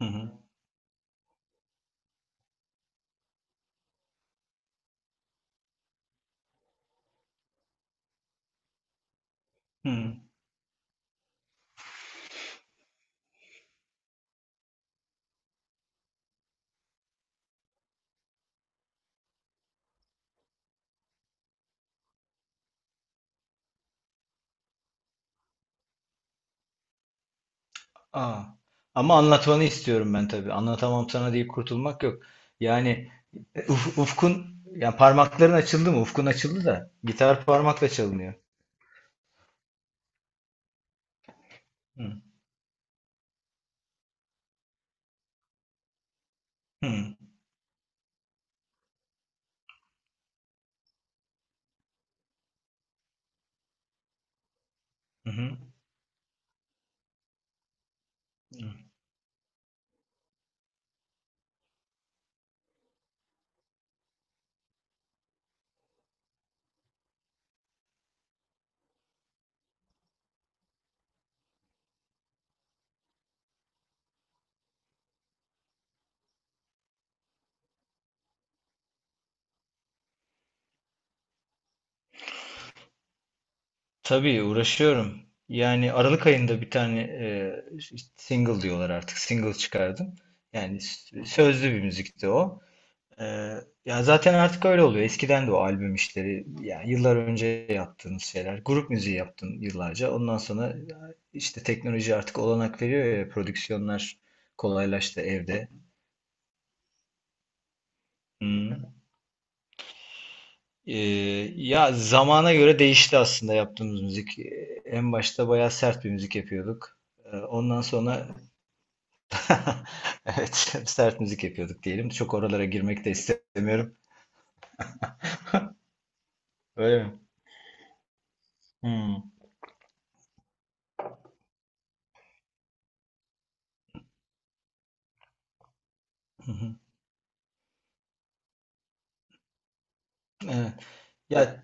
Hı hı. Hı. Hı. Aa. Ama anlatmanı istiyorum ben tabii. Anlatamam sana diye kurtulmak yok. Yani ufkun yani parmakların açıldı mı? Ufkun açıldı da gitar parmakla çalınıyor. Hı. Hı. Hı hı. Hı. Tabii uğraşıyorum. Yani Aralık ayında bir tane single diyorlar artık. Single çıkardım. Yani sözlü bir müzikti o. Ee, Ya zaten artık öyle oluyor. Eskiden de o albüm işleri, yani yıllar önce yaptığınız şeyler. Grup müziği yaptın yıllarca. Ondan sonra işte teknoloji artık olanak veriyor ya, prodüksiyonlar kolaylaştı evde. Hmm. Ee, Ya zamana göre değişti aslında yaptığımız müzik. En başta bayağı sert bir müzik yapıyorduk. Ondan sonra evet sert müzik yapıyorduk diyelim. Çok oralara girmek de istemiyorum. Öyle mi? Hmm. Hı hı. Evet. Ya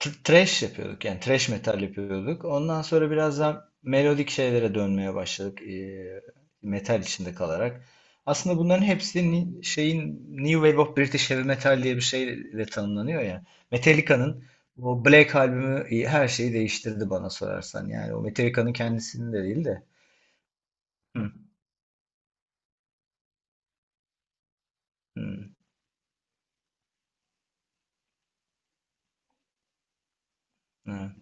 Thrash yapıyorduk yani Trash metal yapıyorduk. Ondan sonra biraz daha melodik şeylere dönmeye başladık metal içinde kalarak. Aslında bunların hepsi şeyin New Wave of British Heavy Metal diye bir şeyle tanımlanıyor ya. Metallica'nın o Black albümü her şeyi değiştirdi bana sorarsan. Yani o Metallica'nın kendisini de değil de. Hı, hı, hı,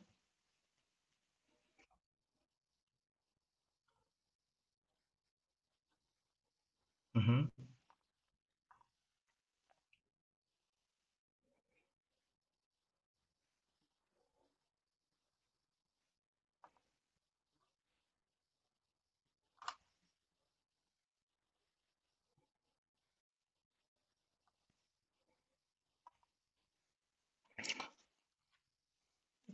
hı, hı.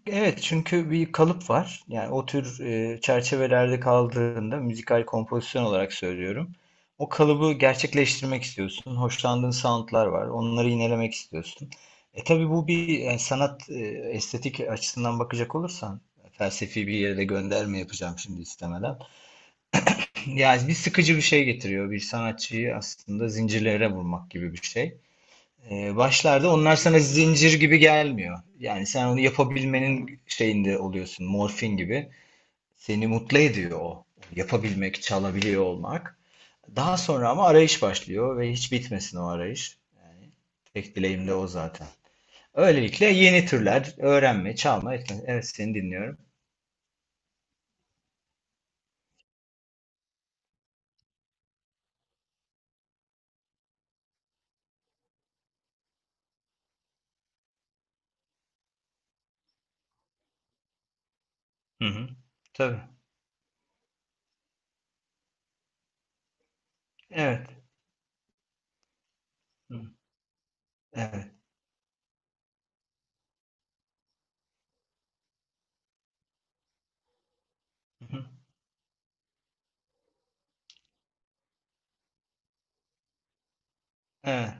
Evet, çünkü bir kalıp var. Yani o tür çerçevelerde kaldığında müzikal kompozisyon olarak söylüyorum. O kalıbı gerçekleştirmek istiyorsun. Hoşlandığın soundlar var. Onları yinelemek istiyorsun. E tabii bu bir yani sanat estetik açısından bakacak olursan felsefi bir yere de gönderme yapacağım şimdi istemeden. Yani bir sıkıcı bir şey getiriyor. Bir sanatçıyı aslında zincirlere vurmak gibi bir şey. Başlarda onlar sana zincir gibi gelmiyor. Yani sen onu yapabilmenin şeyinde oluyorsun, morfin gibi. Seni mutlu ediyor o. Yapabilmek, çalabiliyor olmak. Daha sonra ama arayış başlıyor ve hiç bitmesin o arayış. Tek dileğim de o zaten. Öylelikle yeni türler öğrenme, çalma, etme. Evet, seni dinliyorum. Hı hı. Tabii. Evet. Hı. Evet. Hı hı. Evet.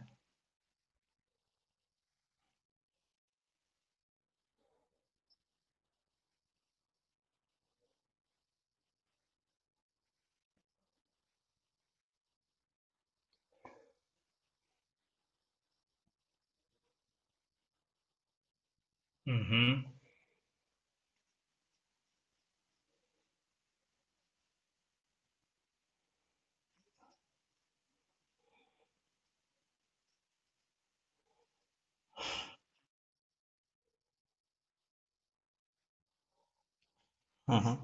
Hı hı. Hı hı.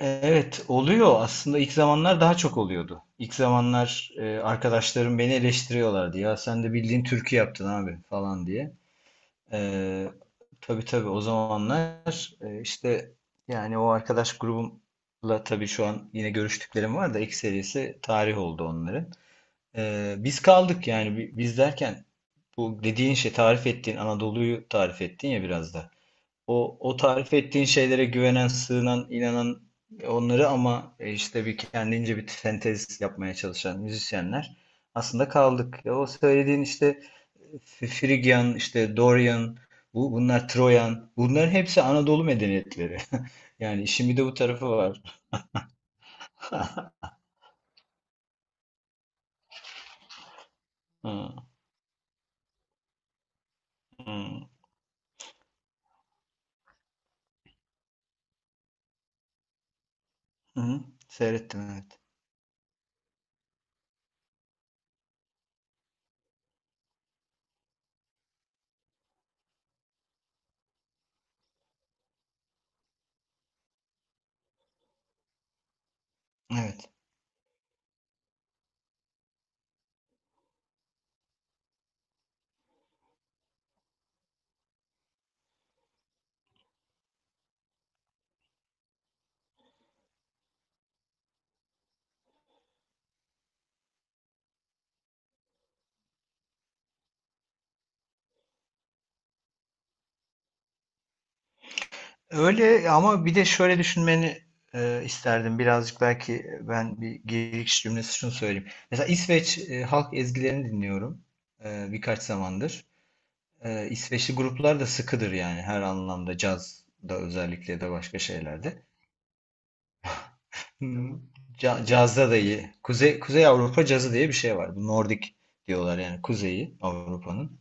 Evet, oluyor aslında, ilk zamanlar daha çok oluyordu. İlk zamanlar arkadaşlarım beni eleştiriyorlardı, ya sen de bildiğin türkü yaptın abi falan diye. E, tabii tabii o zamanlar işte yani o arkadaş grubumla tabii, şu an yine görüştüklerim var da ilk serisi tarih oldu onların. E, biz kaldık yani, biz derken bu dediğin şey, tarif ettiğin Anadolu'yu tarif ettin ya biraz da. O tarif ettiğin şeylere güvenen, sığınan, inanan, onları ama işte bir kendince bir sentez yapmaya çalışan müzisyenler aslında kaldık. Ya o söylediğin işte Frigyan, işte Dorian, bunlar Troyan, bunların hepsi Anadolu medeniyetleri. Yani işin bir de bu tarafı var. Hı. Hı, hı. Seyrettim, evet. Evet. Öyle, ama bir de şöyle düşünmeni isterdim. Birazcık belki ben bir giriş cümlesi şunu söyleyeyim. Mesela İsveç halk ezgilerini dinliyorum birkaç zamandır. E, İsveçli gruplar da sıkıdır yani, her anlamda, cazda özellikle, de başka şeylerde. Hmm, Cazda da iyi. Kuzey Avrupa cazı diye bir şey var. Bu Nordik diyorlar, yani Kuzeyi Avrupa'nın.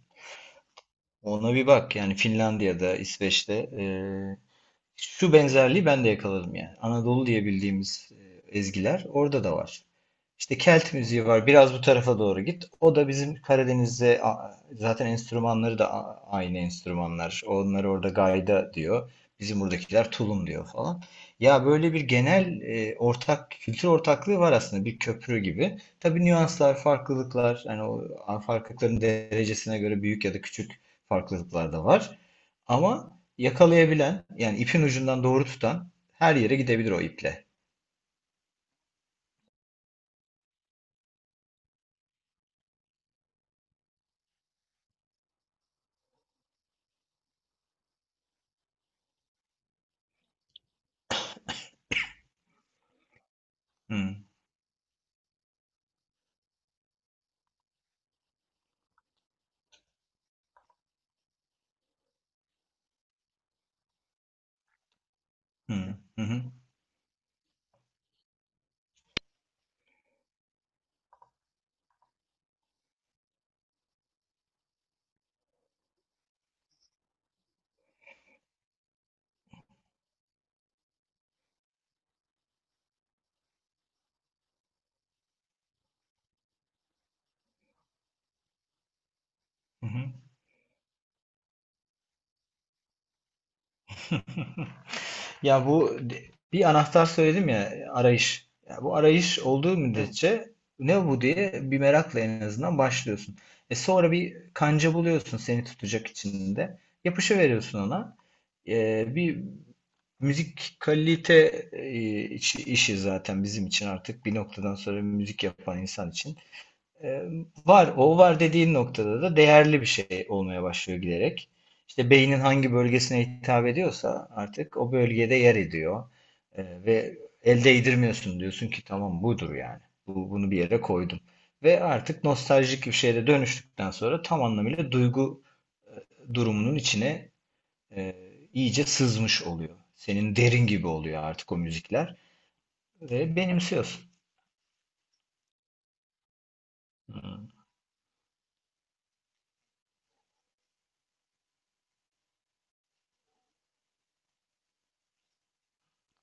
Ona bir bak, yani Finlandiya'da, İsveç'te şu benzerliği ben de yakaladım yani. Anadolu diye bildiğimiz ezgiler orada da var. İşte Kelt müziği var. Biraz bu tarafa doğru git. O da bizim Karadeniz'de zaten, enstrümanları da aynı enstrümanlar. Onları orada gayda diyor. Bizim buradakiler tulum diyor falan. Ya böyle bir genel ortak kültür ortaklığı var aslında, bir köprü gibi. Tabii nüanslar, farklılıklar, hani o farklılıkların derecesine göre büyük ya da küçük farklılıklar da var. Ama yakalayabilen, yani ipin ucundan doğru tutan her yere gidebilir o iple. Hı, hı, hı, hı, hı. Ya bir anahtar söyledim ya, arayış. Ya bu arayış olduğu müddetçe ne bu diye bir merakla en azından başlıyorsun. E sonra bir kanca buluyorsun seni tutacak içinde. Yapışı veriyorsun ona. E, bir müzik kalite işi zaten bizim için, artık bir noktadan sonra müzik yapan insan için. Ee, var, o var dediğin noktada da değerli bir şey olmaya başlıyor giderek. İşte beynin hangi bölgesine hitap ediyorsa artık o bölgede yer ediyor. Ve el değdirmiyorsun, diyorsun ki tamam budur yani. Bunu bir yere koydum. Ve artık nostaljik bir şeye de dönüştükten sonra tam anlamıyla duygu durumunun içine e, iyice sızmış oluyor. Senin derin gibi oluyor artık o müzikler. Ve benimsiyorsun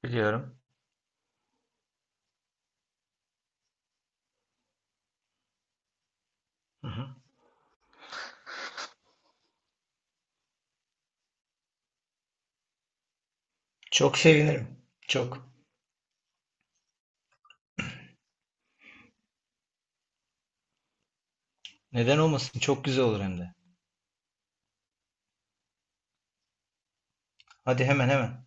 diyorum. Hı hı. Çok sevinirim. Çok. Neden olmasın? Çok güzel olur hem de. Hadi hemen hemen.